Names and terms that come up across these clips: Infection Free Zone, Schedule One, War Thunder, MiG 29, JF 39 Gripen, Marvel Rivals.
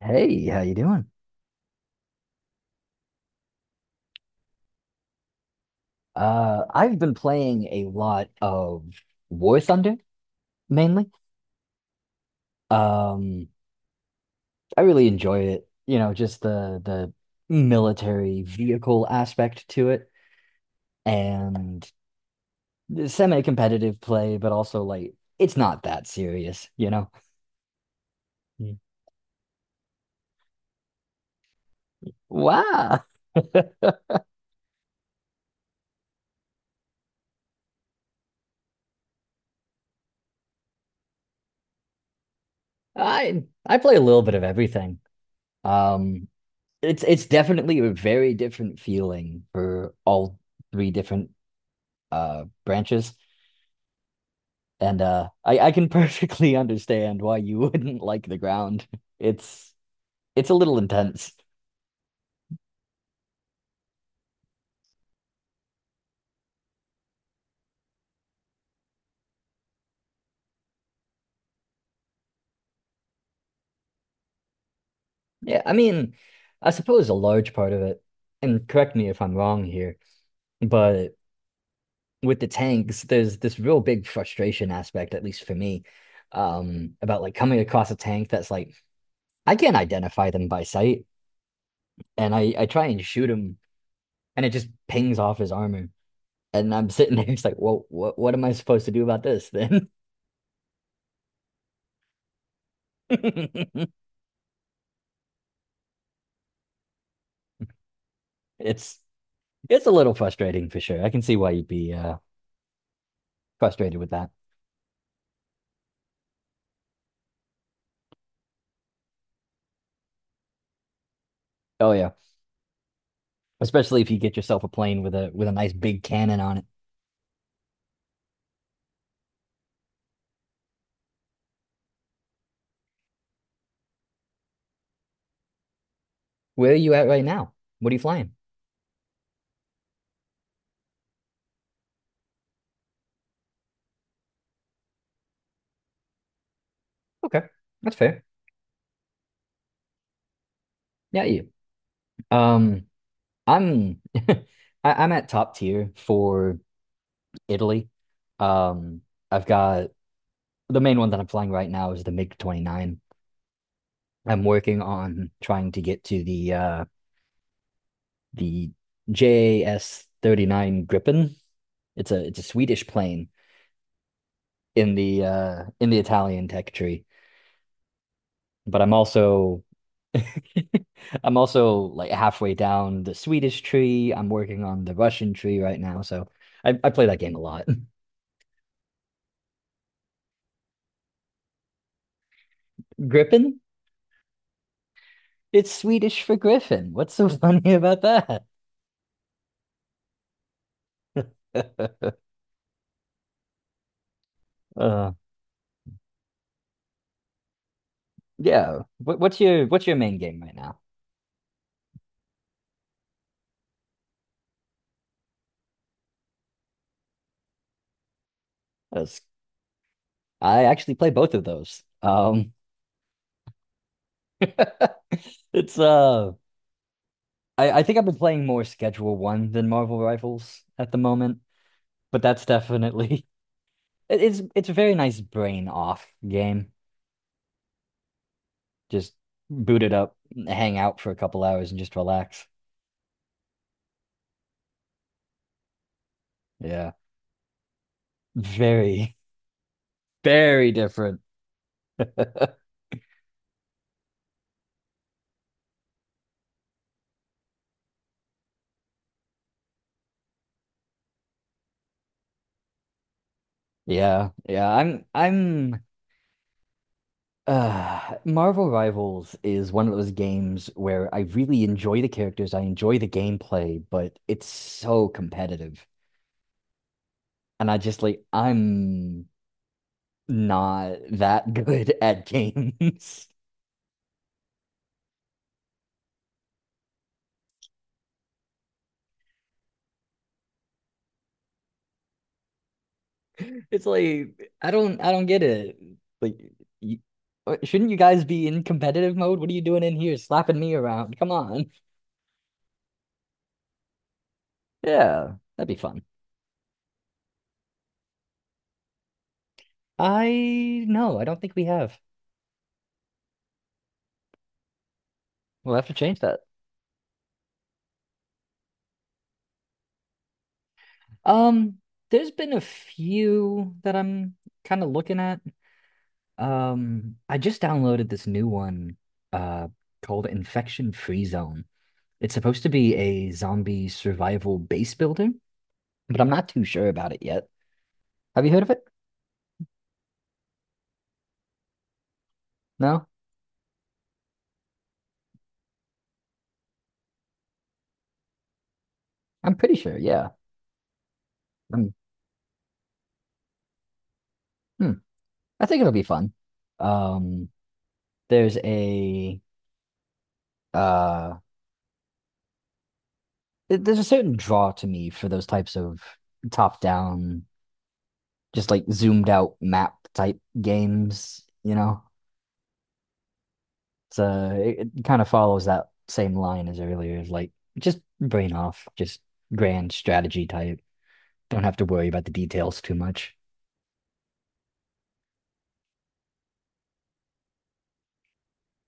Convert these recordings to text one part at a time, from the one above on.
Hey, how you doing? I've been playing a lot of War Thunder mainly. Um, I really enjoy it. You know, just the military vehicle aspect to it and semi-competitive play, but also like it's not that serious, you know? Mm. Wow. I play a little bit of everything. Um, it's definitely a very different feeling for all three different branches. And I can perfectly understand why you wouldn't like the ground. It's it's a little intense. Yeah, I mean, I suppose a large part of it, and correct me if I'm wrong here, but with the tanks, there's this real big frustration aspect, at least for me, about like coming across a tank that's like I can't identify them by sight, and I try and shoot him, and it just pings off his armor, and I'm sitting there, it's like, well, what am I supposed to do about this then? It's It's a little frustrating for sure. I can see why you'd be frustrated with that. Oh yeah, especially if you get yourself a plane with a nice big cannon on it. Where are you at right now? What are you flying? Okay, that's fair. Yeah, you. Um, I'm I, I'm at top tier for Italy. Um, I've got the main one that I'm flying right now is the MiG 29. I'm working on trying to get to the JS 39 Gripen. It's a Swedish plane in the Italian tech tree. But I'm also I'm also like halfway down the Swedish tree. I'm working on the Russian tree right now, so I play that game a lot. Griffin? It's Swedish for Griffin. What's so funny about that? uh, yeah. What's your what's your main game right now? 'Cause I actually play both of those. It's I think I've been playing more Schedule One than Marvel Rivals at the moment. But that's definitely it's a very nice brain off game. Just boot it up, hang out for a couple hours and just relax. Yeah. Very, very different. Yeah. Yeah, I'm Marvel Rivals is one of those games where I really enjoy the characters, I enjoy the gameplay, but it's so competitive. And I just like I'm not that good at games. It's like I don't get it. Like you, shouldn't you guys be in competitive mode? What are you doing in here slapping me around? Come on. Yeah, that'd be fun. I no, I don't think we have. We'll have to change that. Um, there's been a few that I'm kind of looking at. I just downloaded this new one uh called Infection Free Zone. It's supposed to be a zombie survival base builder, but I'm not too sure about it yet. Have you heard of it? No? I'm pretty sure, yeah. Um, hmm. I think it'll be fun. Um, there's a uh, there's a certain draw to me for those types of top-down, just like zoomed out map type games, you know? So it kind of follows that same line as earlier, is like just brain off, just grand strategy type. Don't have to worry about the details too much.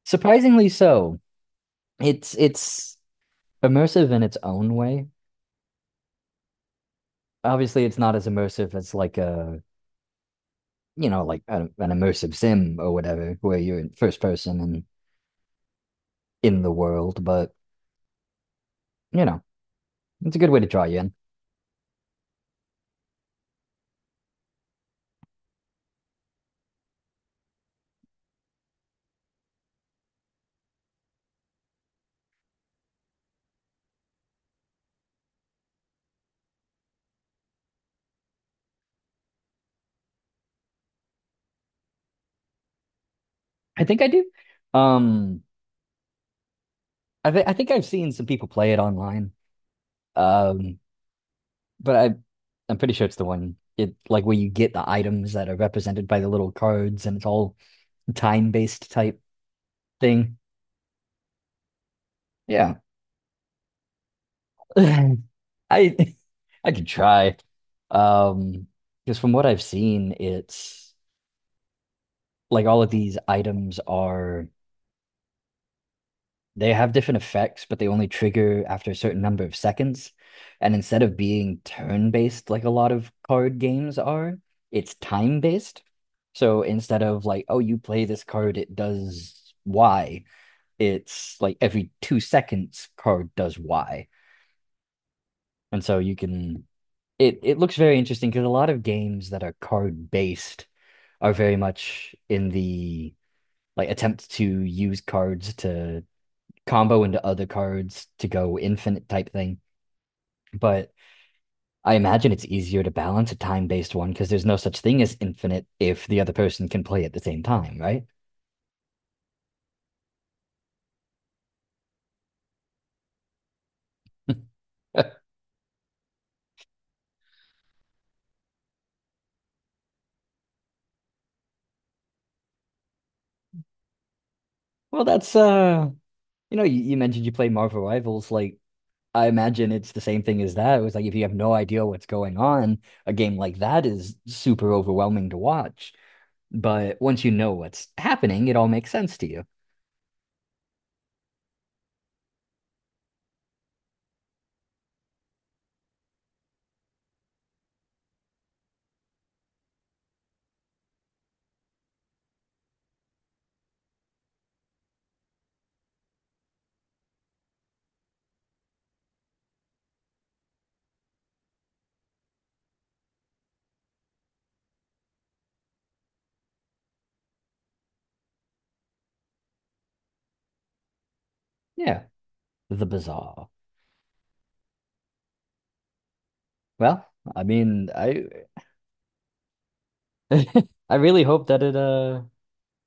Surprisingly so. It's immersive in its own way. Obviously it's not as immersive as like a you know like a, an immersive sim or whatever where you're in first person and in the world, but you know it's a good way to draw you in. I think I do. um I think I've seen some people play it online. um but I'm pretty sure it's the one it like where you get the items that are represented by the little cards and it's all time based type thing. Yeah. i I could try. um because from what I've seen it's like all of these items are they have different effects, but they only trigger after a certain number of seconds. And instead of being turn-based like a lot of card games are, it's time-based. So instead of like, oh, you play this card, it does Y, it's like every 2 seconds card does Y. And so you can it looks very interesting because a lot of games that are card-based are very much in the like attempt to use cards to combo into other cards to go infinite type thing. But I imagine it's easier to balance a time based one because there's no such thing as infinite if the other person can play at the same time, right? well, that's you know, you mentioned you play Marvel Rivals. Like, I imagine it's the same thing as that. It was like if you have no idea what's going on, a game like that is super overwhelming to watch. But once you know what's happening, it all makes sense to you. Yeah, the bizarre. Well, I mean, I I really hope that it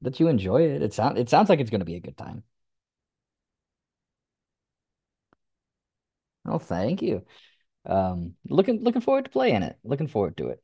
that you enjoy it. It sound it sounds like it's gonna be a good time. Oh, thank you. Looking forward to playing it. Looking forward to it.